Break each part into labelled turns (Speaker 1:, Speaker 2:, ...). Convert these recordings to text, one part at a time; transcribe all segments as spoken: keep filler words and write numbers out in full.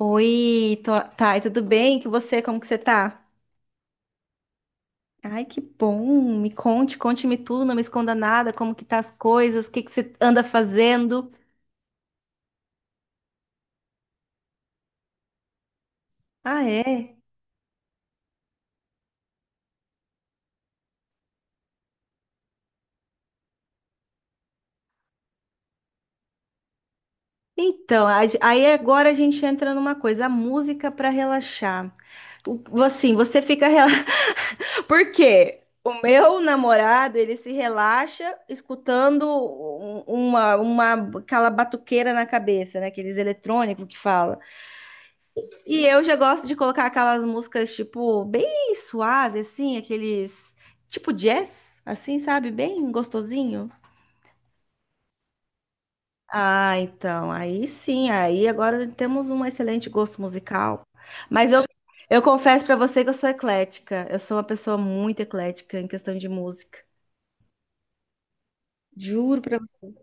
Speaker 1: Oi, tô... tá, e tudo bem? Que você, como que você tá? Ai, que bom. Me conte, conte-me tudo, não me esconda nada, como que tá as coisas, o que que você anda fazendo? Ah, é. Então, a ge- aí agora a gente entra numa coisa, a música pra relaxar. O- Assim, você fica rela... Por quê? O meu namorado, ele se relaxa escutando um- uma, uma aquela batuqueira na cabeça, né? Aqueles eletrônicos que fala. E eu já gosto de colocar aquelas músicas, tipo, bem suave, assim, aqueles. Tipo jazz, assim, sabe? Bem gostosinho. Ah, então, aí sim, aí agora temos um excelente gosto musical. Mas eu, eu confesso pra você que eu sou eclética. Eu sou uma pessoa muito eclética em questão de música. Juro pra você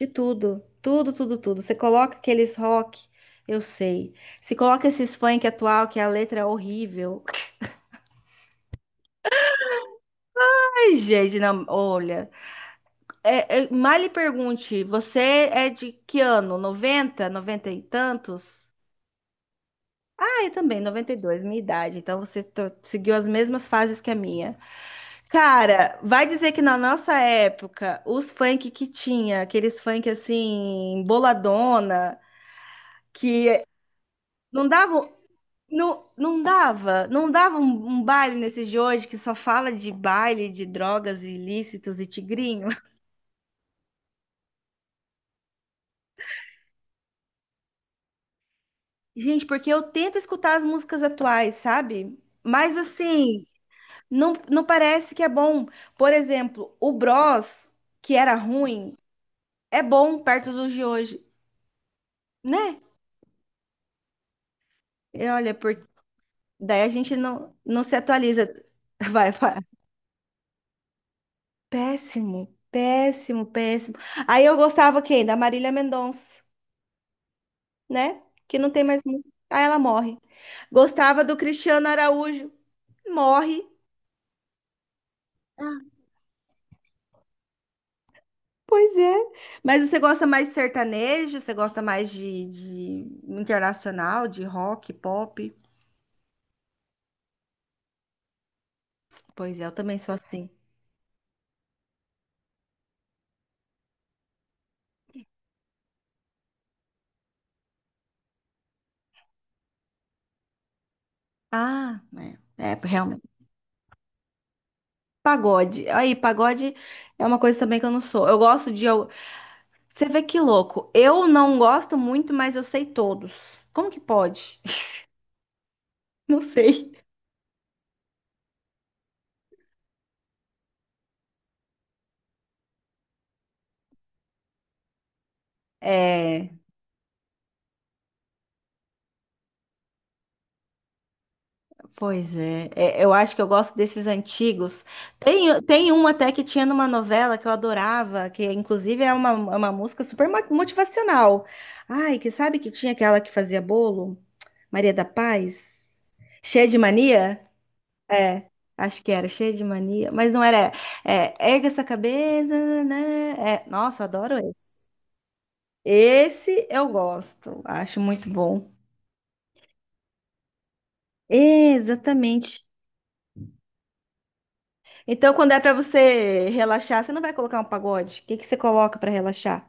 Speaker 1: de tudo. Tudo, tudo, tudo. Você coloca aqueles rock, eu sei. Se coloca esses funk atual, que a letra é horrível. Ai, gente, não, olha. É, é, mal lhe pergunte, você é de que ano? Noventa, noventa e tantos? Ah, eu também, noventa e dois minha idade. Então você to- seguiu as mesmas fases que a minha. Cara, vai dizer que na nossa época, os funk que tinha, aqueles funk assim, boladona, que não davam, não, não dava, não dava um, um baile nesses de hoje que só fala de baile, de drogas ilícitos e tigrinho. Gente, porque eu tento escutar as músicas atuais, sabe? Mas assim, não, não parece que é bom. Por exemplo, o Bros, que era ruim, é bom perto dos de hoje, né? E olha, por daí a gente não, não se atualiza. Vai, vai. Péssimo, péssimo, péssimo. Aí eu gostava quem? Da Marília Mendonça, né? Que não tem mais. mu- Aí ela morre. Gostava do Cristiano Araújo, morre. Pois é. Mas você gosta mais de sertanejo? Você gosta mais de, de internacional, de rock, pop? Pois é, eu também sou assim. Ah, é, é realmente. Pagode. Aí, pagode é uma coisa também que eu não sou. Eu gosto de. Al- Você vê que louco. Eu não gosto muito, mas eu sei todos. Como que pode? Não sei. É. Pois é. É, eu acho que eu gosto desses antigos. Tem, tem um até que tinha numa novela que eu adorava, que inclusive é uma, é uma música super mo- motivacional. Ai, que sabe que tinha aquela que fazia bolo? Maria da Paz? Cheia de mania? É, acho que era cheia de mania, mas não era. É, erga essa cabeça, né? É, nossa, eu adoro esse. Esse eu gosto, acho muito bom. Exatamente. Então, quando é pra você relaxar, você não vai colocar um pagode? O que que você coloca pra relaxar?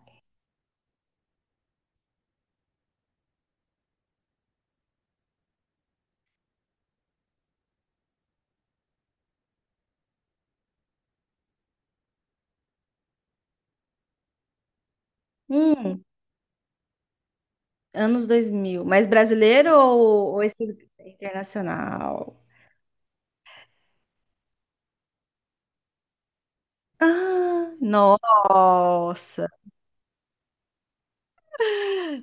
Speaker 1: Hum, anos dois mil. Mas brasileiro ou, ou esses internacional? Ah, nossa,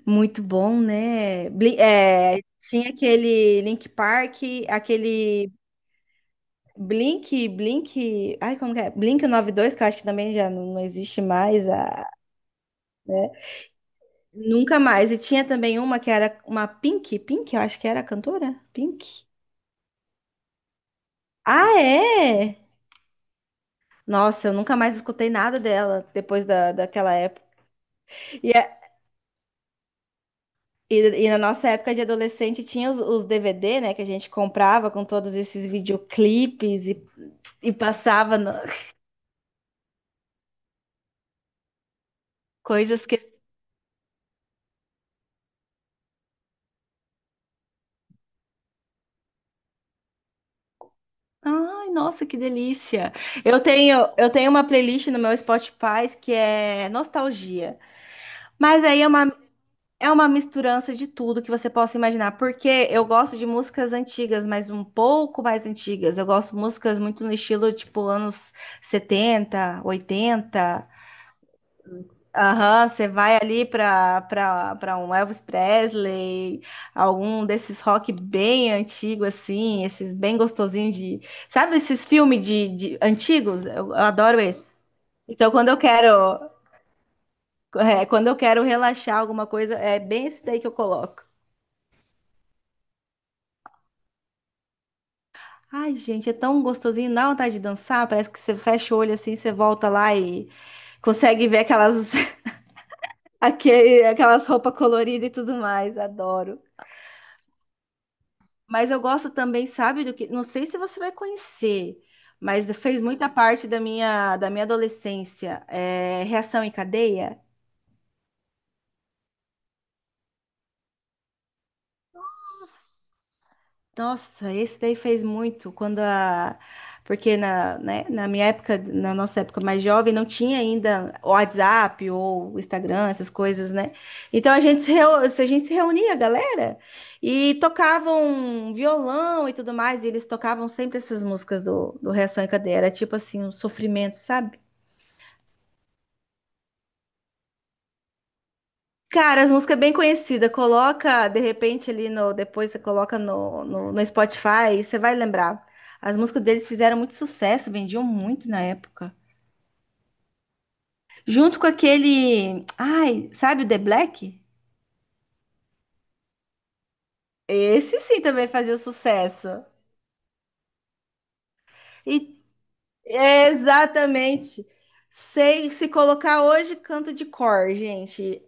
Speaker 1: muito bom, né? Bli- é, tinha aquele Link Park, aquele Blink, Blink, ai, como que é? Blink noventa e dois, que eu acho que também já não, não existe mais, a, né? Nunca mais. E tinha também uma que era uma Pink, Pink, eu acho que era a cantora, Pink. Ah, é? Nossa, eu nunca mais escutei nada dela depois da, daquela época. E, a- e, e na nossa época de adolescente tinha os, os D V Ds, né, que a gente comprava com todos esses videoclipes e, e passava no- coisas que. Ai, nossa, que delícia! Eu tenho, eu tenho uma playlist no meu Spotify que é nostalgia. Mas aí é uma É uma misturança de tudo que você possa imaginar, porque eu gosto de músicas antigas, mas um pouco mais antigas. Eu gosto de músicas muito no estilo tipo anos setenta, oitenta. Aham, você vai ali para para para um Elvis Presley, algum desses rock bem antigo assim, esses bem gostosinhos de, sabe esses filmes de, de antigos? Eu, eu adoro esses. Então quando eu quero, é, quando eu quero relaxar alguma coisa, é bem esse daí que eu coloco. Ai, gente, é tão gostosinho, dá vontade de dançar. Parece que você fecha o olho assim, você volta lá e consegue ver aquelas, aquele, aquelas roupas coloridas e tudo mais. Adoro. Mas eu gosto também, sabe, do que. Não sei se você vai conhecer, mas fez muita parte da minha, da minha adolescência. É, Reação em Cadeia. Nossa, esse daí fez muito quando a. Porque na, né, na minha época, na nossa época mais jovem, não tinha ainda o WhatsApp ou o Instagram, essas coisas, né? Então a gente se, reu... a gente se reunia, galera, e tocavam violão e tudo mais, e eles tocavam sempre essas músicas do, do Reação em Cadeia. Era tipo assim, um sofrimento, sabe? Cara, as músicas é bem conhecidas, coloca de repente ali no. Depois você coloca no, no, no Spotify, você vai lembrar. As músicas deles fizeram muito sucesso, vendiam muito na época. Junto com aquele. Ai, sabe o The Black? Esse sim também fazia sucesso. E, exatamente. Sei, se colocar hoje, canto de cor, gente.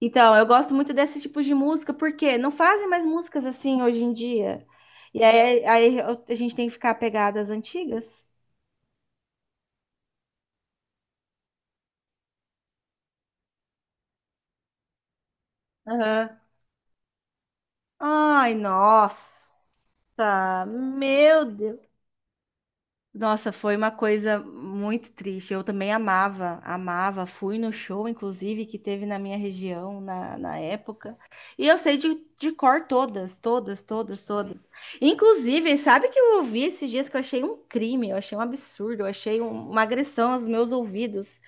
Speaker 1: Então, eu gosto muito desse tipo de música, porque não fazem mais músicas assim hoje em dia. E aí, aí eu- a gente tem que ficar apegado às antigas. Aham. Ai, nossa, meu Deus. Nossa, foi uma coisa muito triste. Eu também amava, amava. Fui no show, inclusive, que teve na minha região na, na época. E eu sei de, de cor todas, todas, todas, todas. Inclusive, sabe que eu ouvi esses dias que eu achei um crime, eu achei um absurdo, eu achei um- uma agressão aos meus ouvidos.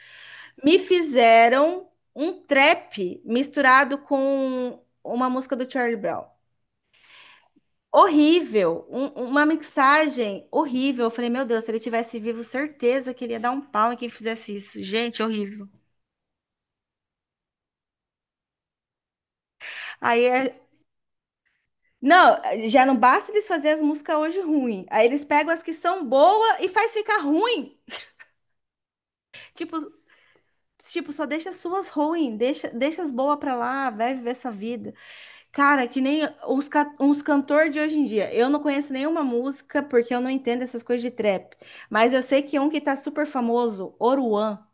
Speaker 1: Me fizeram um trap misturado com uma música do Charlie Brown. Horrível, um- uma mixagem horrível. Eu falei, meu Deus, se ele tivesse vivo, certeza que ele ia dar um pau em quem fizesse isso. Gente, horrível. Aí é... Não, já não basta eles fazerem as músicas hoje ruim. Aí eles pegam as que são boas e faz ficar ruim. Tipo, tipo, só deixa as suas ruins, deixa, deixa as boas pra lá, vai viver sua vida. Cara, que nem os, ca- uns cantores de hoje em dia. Eu não conheço nenhuma música porque eu não entendo essas coisas de trap. Mas eu sei que um que tá super famoso, Oruan.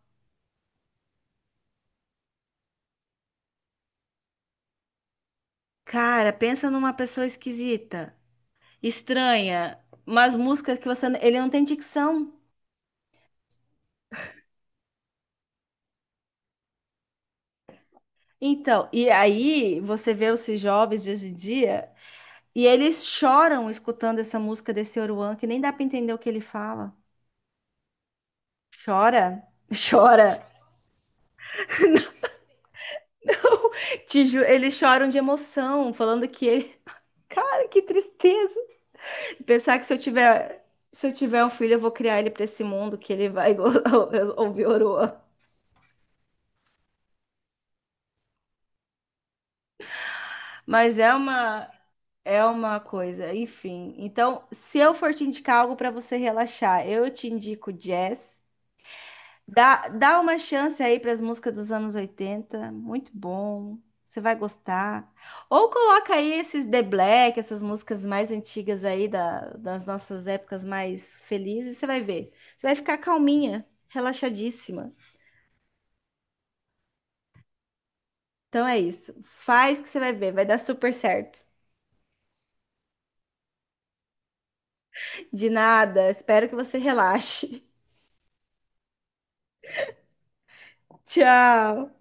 Speaker 1: Cara, pensa numa pessoa esquisita, estranha, umas músicas que você, ele não tem dicção. Então, e aí você vê esses jovens de hoje em dia e eles choram escutando essa música desse Oruan, que nem dá pra entender o que ele fala. Chora, chora. Te ju- Eles choram de emoção, falando que ele, cara, que tristeza. Pensar que se eu tiver Se eu tiver um filho, eu vou criar ele pra esse mundo que ele vai ouvir Oruan. Mas é uma, É uma coisa, enfim. Então, se eu for te indicar algo para você relaxar, eu te indico jazz. Dá, dá uma chance aí para as músicas dos anos oitenta, muito bom. Você vai gostar. Ou coloca aí esses The Black, essas músicas mais antigas aí da- das nossas épocas mais felizes, você vai ver. Você vai ficar calminha, relaxadíssima. Então é isso. Faz que você vai ver, vai dar super certo. De nada, espero que você relaxe. Tchau.